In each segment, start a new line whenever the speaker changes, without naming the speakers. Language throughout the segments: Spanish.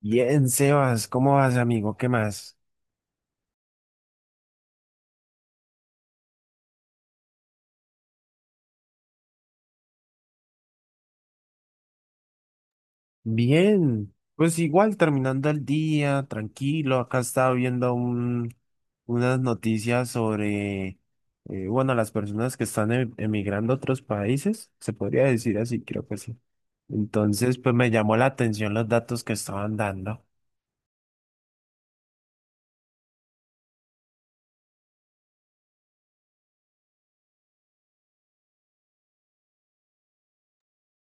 Bien, Sebas, ¿cómo vas, amigo? ¿Qué más? Bien, pues igual terminando el día, tranquilo. Acá estaba viendo unas noticias sobre, bueno, las personas que están emigrando a otros países, se podría decir así, creo que sí. Entonces, pues me llamó la atención los datos que estaban dando.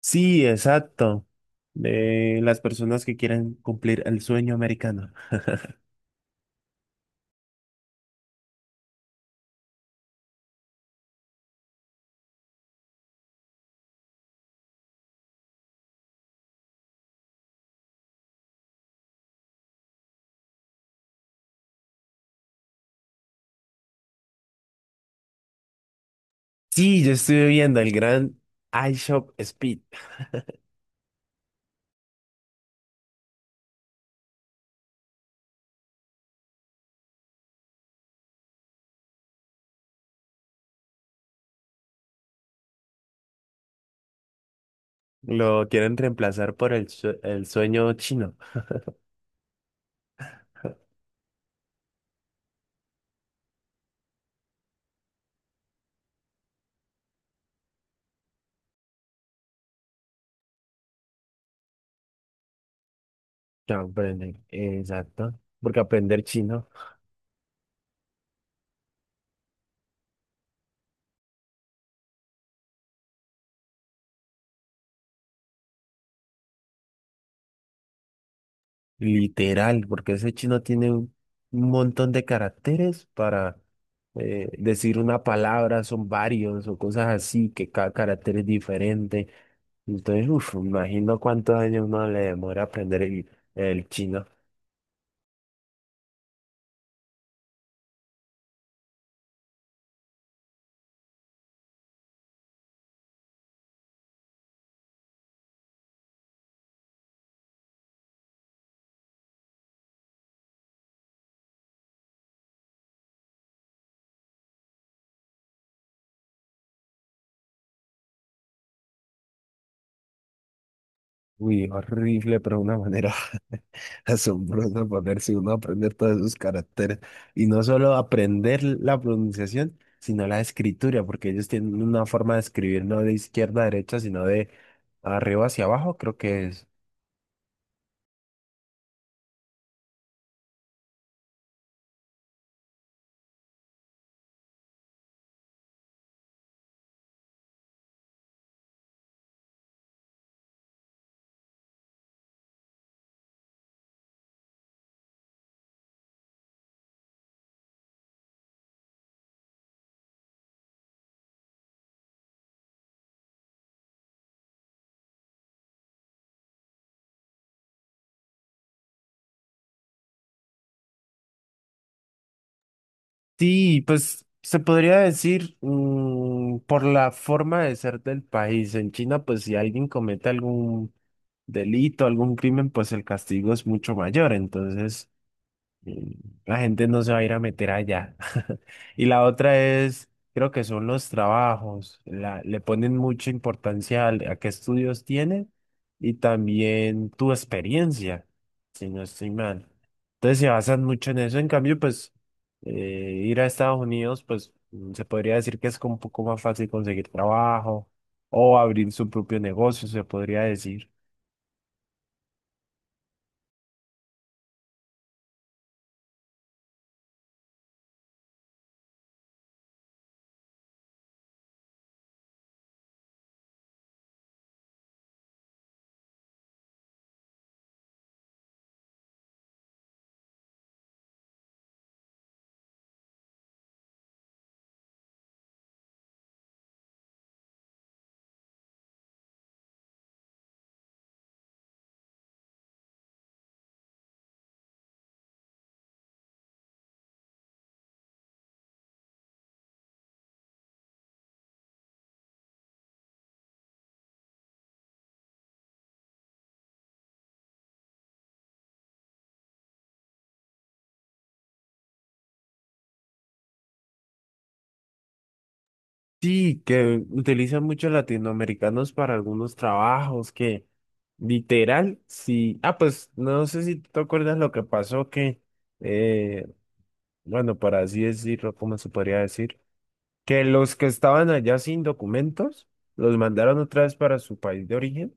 Sí, exacto. De las personas que quieren cumplir el sueño americano. Sí, yo estuve viendo el gran iShop Speed. Lo quieren reemplazar por el sueño chino. Ya, aprende. Exacto. Porque aprender chino, literal, porque ese chino tiene un montón de caracteres para decir una palabra, son varios o cosas así, que cada carácter es diferente. Entonces, uff, imagino cuántos años uno le demora aprender el chino. Uy, horrible, pero una manera asombrosa ponerse uno a aprender todos esos caracteres. Y no solo aprender la pronunciación, sino la escritura, porque ellos tienen una forma de escribir no de izquierda a derecha, sino de arriba hacia abajo, creo que es. Sí, pues se podría decir, mm, por la forma de ser del país. En China, pues si alguien comete algún delito, algún crimen, pues el castigo es mucho mayor. Entonces… Mm. La gente no se va a ir a meter allá. Y la otra es, creo que son los trabajos. Le ponen mucha importancia a qué estudios tienes y también tu experiencia, si no estoy mal. Entonces se basan mucho en eso. En cambio, pues eh, ir a Estados Unidos, pues, mm, se podría decir que es como un poco más fácil conseguir trabajo o abrir su propio negocio, se podría decir. Sí, que utilizan muchos latinoamericanos para algunos trabajos que literal, sí. Ah, pues no sé si tú te acuerdas lo que pasó que, eh, bueno, para así decirlo, ¿cómo se podría decir? Que los que estaban allá sin documentos los mandaron otra vez para su país de origen.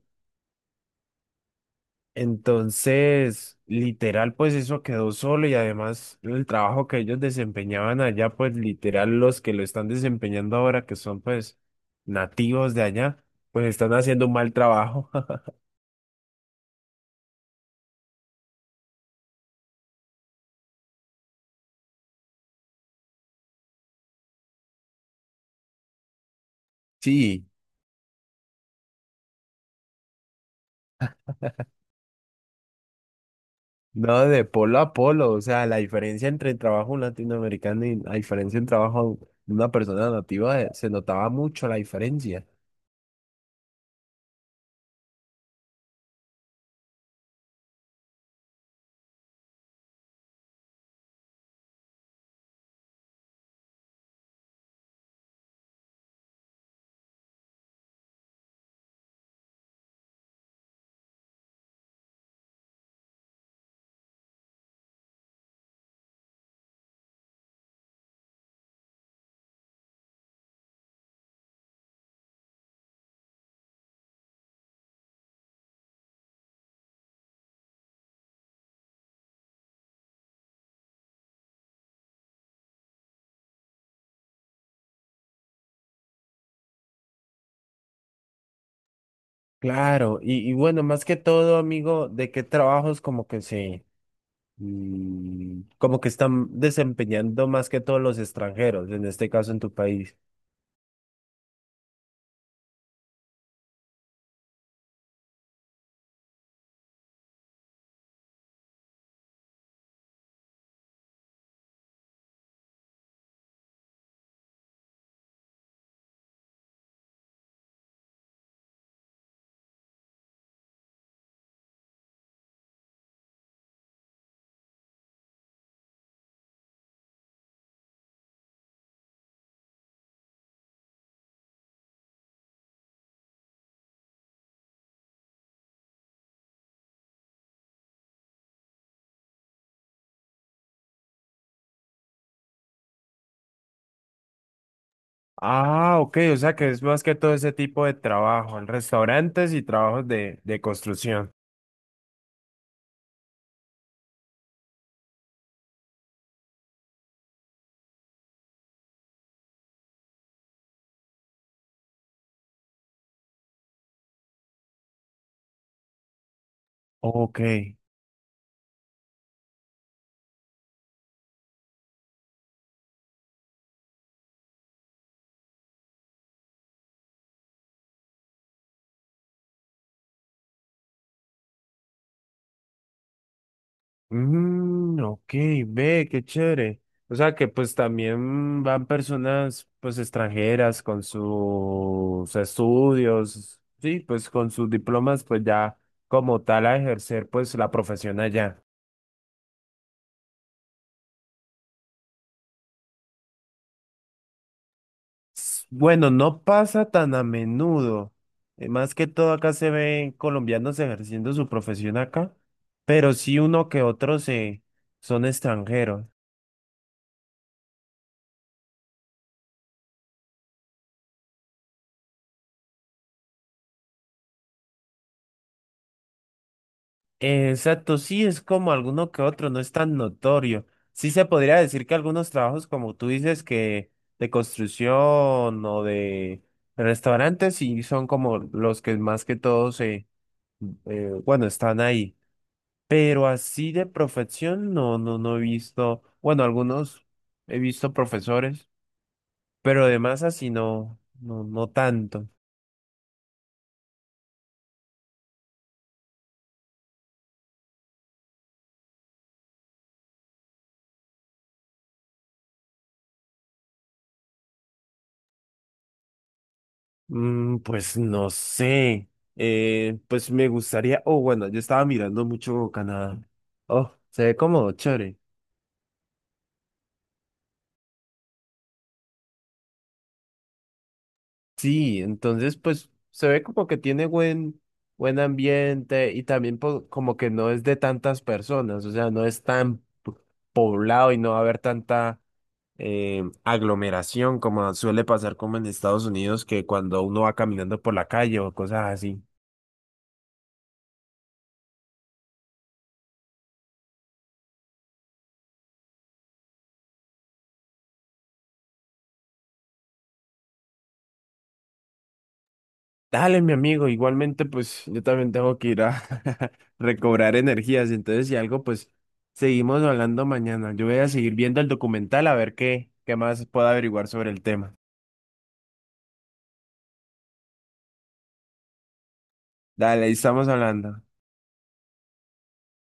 Entonces, literal, pues eso quedó solo y además el trabajo que ellos desempeñaban allá, pues literal los que lo están desempeñando ahora, que son pues nativos de allá, pues están haciendo un mal trabajo. Sí, no, de polo a polo, o sea, la diferencia entre el trabajo latinoamericano y la diferencia en trabajo de una persona nativa, se notaba mucho la diferencia. Claro, y bueno, más que todo, amigo, ¿de qué trabajos como que se… mm, como que están desempeñando más que todos los extranjeros, en este caso en tu país? Ah, ok, o sea que es más que todo ese tipo de trabajo, en restaurantes y trabajos de construcción. Ok. Mm, ok, ve, qué chévere. O sea que pues también van personas pues extranjeras con sus estudios, sí, pues con sus diplomas pues ya como tal a ejercer pues la profesión allá. Bueno, no pasa tan a menudo. Más que todo acá se ven colombianos ejerciendo su profesión acá, pero sí uno que otro se son extranjeros. Exacto, sí es como alguno que otro, no es tan notorio. Sí se podría decir que algunos trabajos, como tú dices, que de construcción o de restaurantes, sí son como los que más que todo, están ahí. Pero así de profesión, no, no, no he visto, bueno, algunos he visto profesores, pero además así no, no, no tanto. Mm, pues no sé, pues me gustaría, oh, bueno, yo estaba mirando mucho Canadá. Oh, se ve como chévere. Sí, entonces pues se ve como que tiene buen ambiente y también como que no es de tantas personas, o sea, no es tan p- poblado y no va a haber tanta aglomeración, como suele pasar como en Estados Unidos, que cuando uno va caminando por la calle o cosas así. Dale, mi amigo, igualmente pues yo también tengo que ir a recobrar energías, entonces si algo pues seguimos hablando mañana. Yo voy a seguir viendo el documental a ver qué más puedo averiguar sobre el tema. Dale, ahí estamos hablando.